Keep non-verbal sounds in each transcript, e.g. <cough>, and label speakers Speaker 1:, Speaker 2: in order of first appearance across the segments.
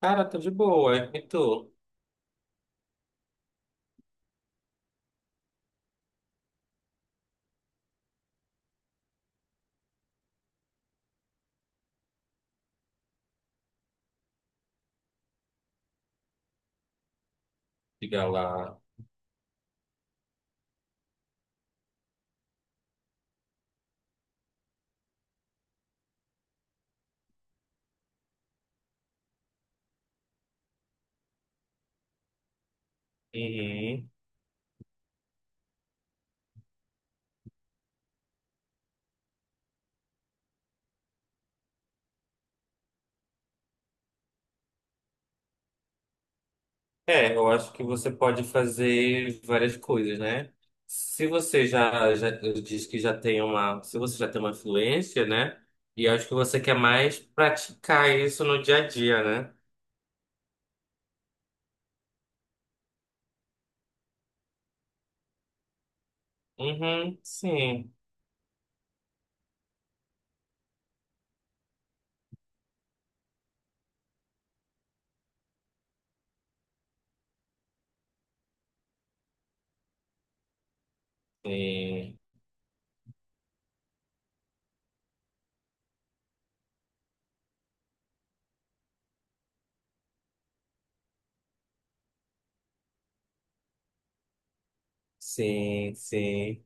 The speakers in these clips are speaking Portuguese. Speaker 1: Cara, tá de boa. E tu? Diga lá. Uhum. É, eu acho que você pode fazer várias coisas, né? Se você já, já diz que já tem uma influência, né? E acho que você quer mais praticar isso no dia a dia, né? Uhum, sim. Sim, sim, sim.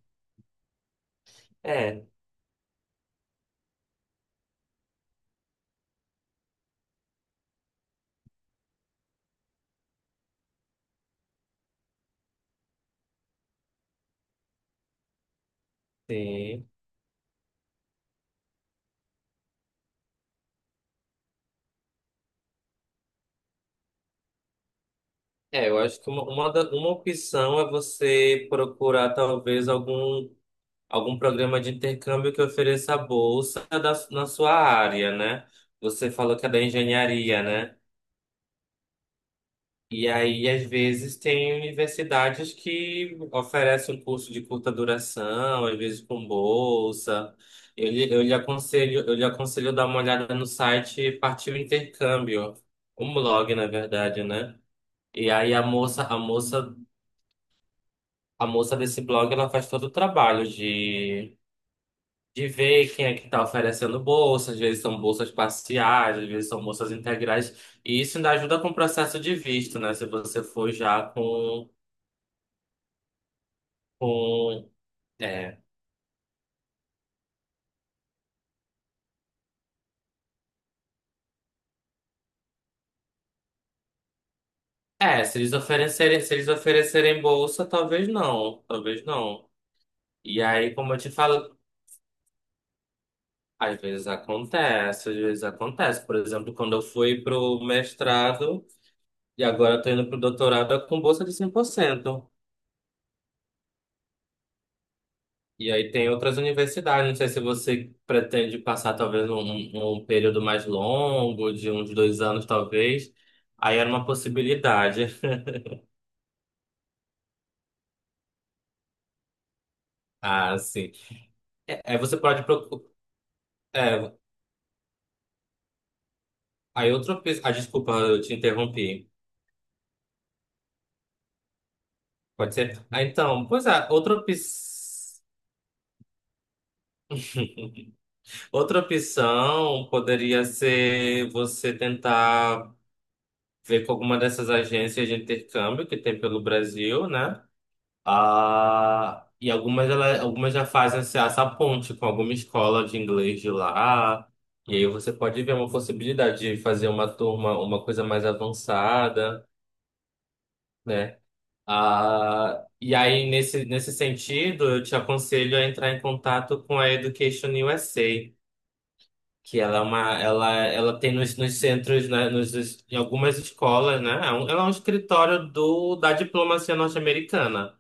Speaker 1: É, sim. É, eu acho que uma opção é você procurar talvez algum programa de intercâmbio que ofereça bolsa na sua área, né? Você falou que é da engenharia, né? E aí, às vezes, tem universidades que oferecem um curso de curta duração, às vezes com bolsa. Eu lhe aconselho dar uma olhada no site Partiu Intercâmbio, um blog, na verdade, né? E aí a moça desse blog, ela faz todo o trabalho de ver quem é que está oferecendo bolsa, às vezes são bolsas parciais, às vezes são bolsas integrais, e isso ainda ajuda com o processo de visto, né? Se você for já com, é, é, Se eles oferecerem bolsa, talvez não, talvez não. E aí, como eu te falo, às vezes acontece, às vezes acontece. Por exemplo, quando eu fui pro mestrado e agora estou indo pro doutorado é com bolsa de 100%. E aí tem outras universidades, não sei se você pretende passar talvez um período mais longo, de uns 2 anos talvez. Aí era uma possibilidade. <laughs> Ah, sim. Você pode procurar. É, aí outra opção. Ah, desculpa, eu te interrompi. Pode ser? Ah, então, pois é, outra opção. Outra opção poderia ser você tentar ver com alguma dessas agências de intercâmbio que tem pelo Brasil, né? Ah, e algumas já fazem essa ponte com alguma escola de inglês de lá. E aí você pode ver uma possibilidade de fazer uma turma, uma coisa mais avançada, né? Ah, e aí, nesse sentido, eu te aconselho a entrar em contato com a Education USA, que ela é uma, ela tem nos centros, né, em algumas escolas, né? Ela é um escritório da diplomacia norte-americana.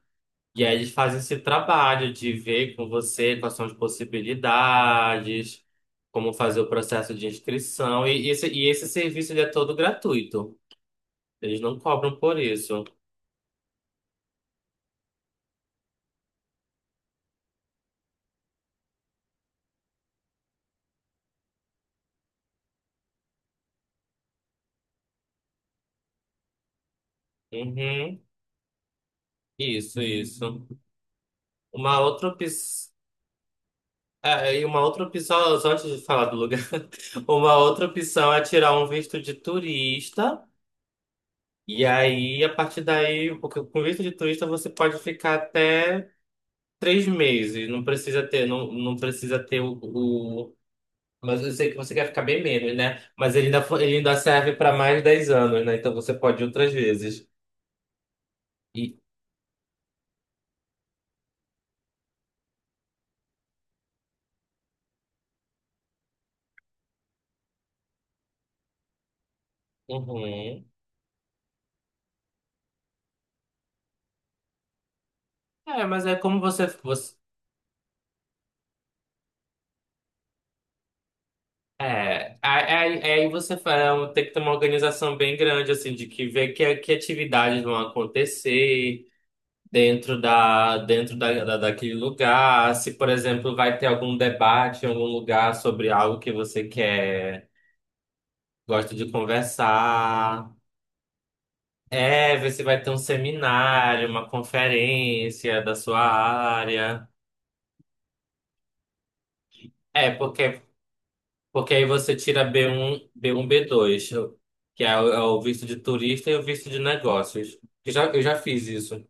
Speaker 1: E aí eles fazem esse trabalho de ver com você quais são as possibilidades, como fazer o processo de inscrição. E esse serviço ele é todo gratuito. Eles não cobram por isso. Uhum. Isso, isso. Uma outra opção. É, e uma outra opção, só antes de falar do lugar, <laughs> uma outra opção é tirar um visto de turista. E aí, a partir daí, porque com visto de turista você pode ficar até 3 meses, não precisa ter. Mas eu sei que você quer ficar bem menos, né? Mas ele ainda serve para mais de 10 anos, né? Então você pode ir outras vezes. E, uhum. É, mas é como você. É, aí tem que ter uma organização bem grande, assim, de que ver que atividades vão acontecer dentro da, daquele lugar. Se, por exemplo, vai ter algum debate em algum lugar sobre algo que você quer. Gosto de conversar. É, ver se vai ter um seminário, uma conferência da sua área. É, porque aí você tira B1, B2, que é o visto de turista e o visto de negócios. Eu já fiz isso.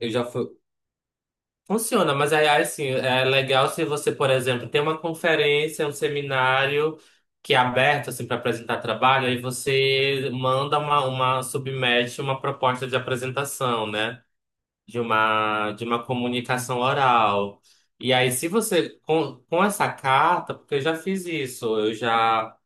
Speaker 1: Eu já fui. Funciona, mas aí, assim, é legal se você, por exemplo, tem uma conferência, um seminário que é aberto assim para apresentar trabalho, aí você manda uma submete uma proposta de apresentação, né? De uma comunicação oral. E aí, se você, com essa carta, porque eu já fiz isso, eu já,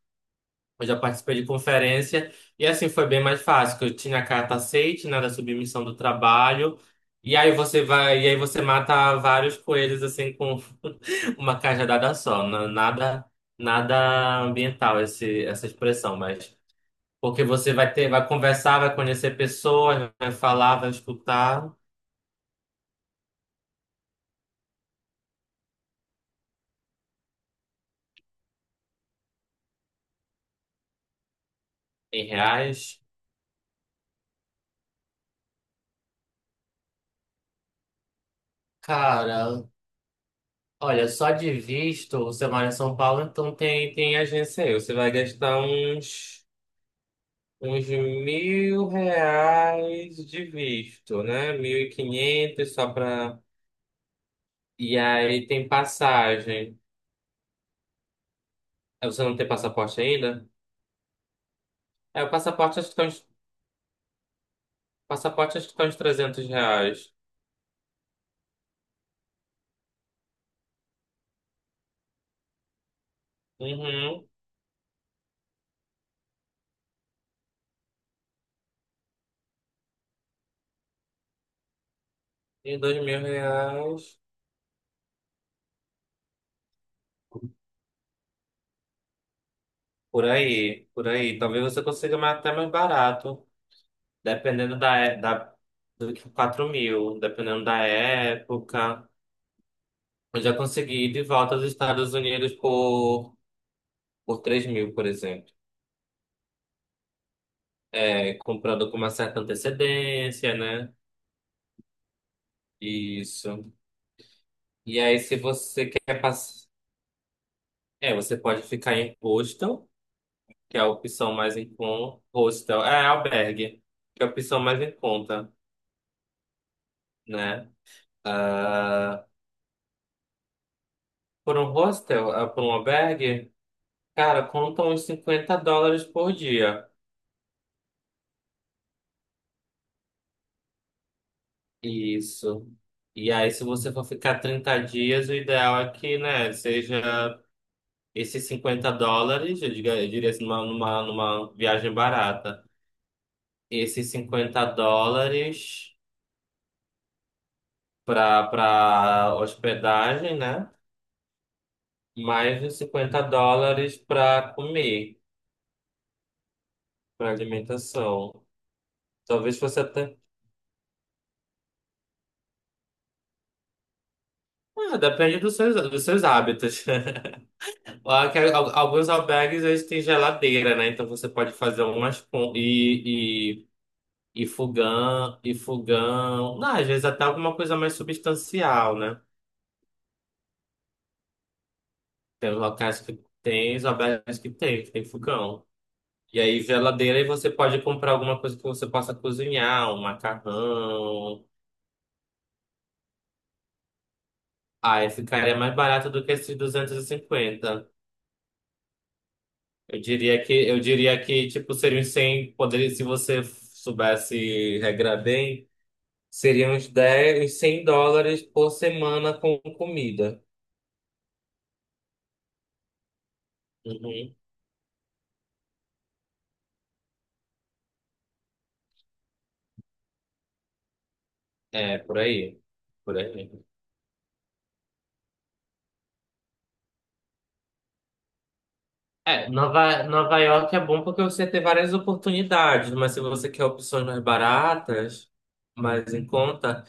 Speaker 1: eu já participei de conferência, e assim foi bem mais fácil, que eu tinha a carta aceite, né, da submissão do trabalho, e aí você vai, e aí você mata vários coelhos, assim, com <laughs> uma cajadada só, nada, nada ambiental essa expressão, mas... Porque você vai ter, vai conversar, vai conhecer pessoas, vai falar, vai escutar em reais. Cara, olha, só de visto, você mora em São Paulo, então tem agência aí. Você vai gastar uns R$ 1.000 de visto, né? 1.500 só pra... E aí tem passagem. Aí você não tem passaporte ainda? É, o passaporte acho que tá uns, passaporte acho que tá uns R$ 300. Uhum, e R$ 2.000. Por aí, por aí. Talvez você consiga até mais barato. Dependendo da, do que 4.000, dependendo da época. Eu já consegui ir de volta aos Estados Unidos por 3.000, por exemplo. É, comprando com uma certa antecedência, né? Isso. E aí, se você quer passar. É, você pode ficar em hostel, que é a opção mais em conta. Hostel, é albergue, que é a opção mais em conta, né? Ah, por um hostel, ah, por um albergue. Cara, conta uns US$ 50 por dia. Isso. E aí, se você for ficar 30 dias, o ideal é que, né, seja esses US$ 50, eu diria assim, numa viagem barata. Esses 50 dólares para hospedagem, né? Mais os US$ 50 para comer, para alimentação. Talvez você até. Ah, depende dos seus hábitos. <laughs> Alguns albergues eles têm geladeira, né? Então você pode fazer umas pon- e, e fogão. Não, às vezes até alguma coisa mais substancial, né? Tem locais que tem, os albergues que tem fogão. E aí geladeira e você pode comprar alguma coisa que você possa cozinhar, um macarrão. Aí ficaria mais barato do que esses 250. Eu diria que tipo seria uns 100, poderia se você soubesse regrar bem. Seriam uns US$ 100 por semana com comida. Uhum. É, por aí. Por aí. É, Nova York é bom porque você tem várias oportunidades, mas se você quer opções mais baratas, mais em conta,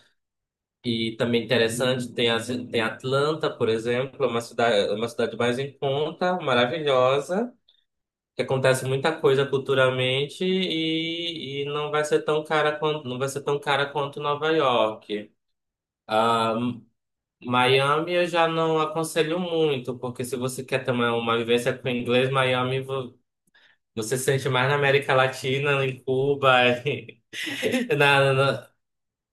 Speaker 1: e também interessante, tem Atlanta, por exemplo, é uma cidade mais em conta, maravilhosa, que acontece muita coisa culturalmente e não vai ser tão cara quanto, não vai ser tão cara quanto Nova York. Ah, Miami eu já não aconselho muito, porque se você quer também uma vivência com inglês, Miami você se sente mais na América Latina, em Cuba, <laughs> e- na, na-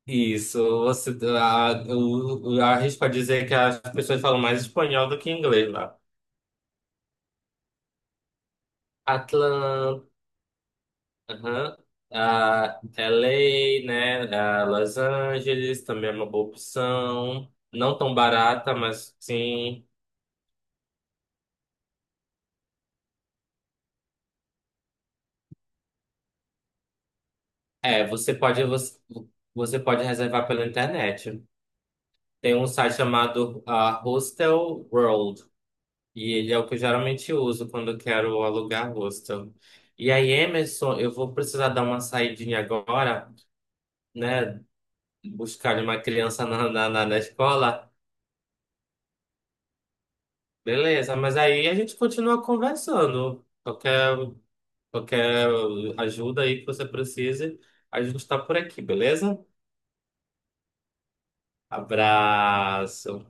Speaker 1: isso. Eu arrisco a dizer que as pessoas falam mais espanhol do que inglês lá. Atlanta, aham, ah, LA, né? Los Angeles também é uma boa opção. Não tão barata, mas sim. É, você pode reservar pela internet. Tem um site chamado Hostel World e ele é o que eu geralmente uso quando eu quero alugar hostel. E aí, Emerson, eu vou precisar dar uma saidinha agora, né? Buscar uma criança na escola. Beleza, mas aí a gente continua conversando. Qualquer ajuda aí que você precise, a gente está por aqui, beleza? Abraço.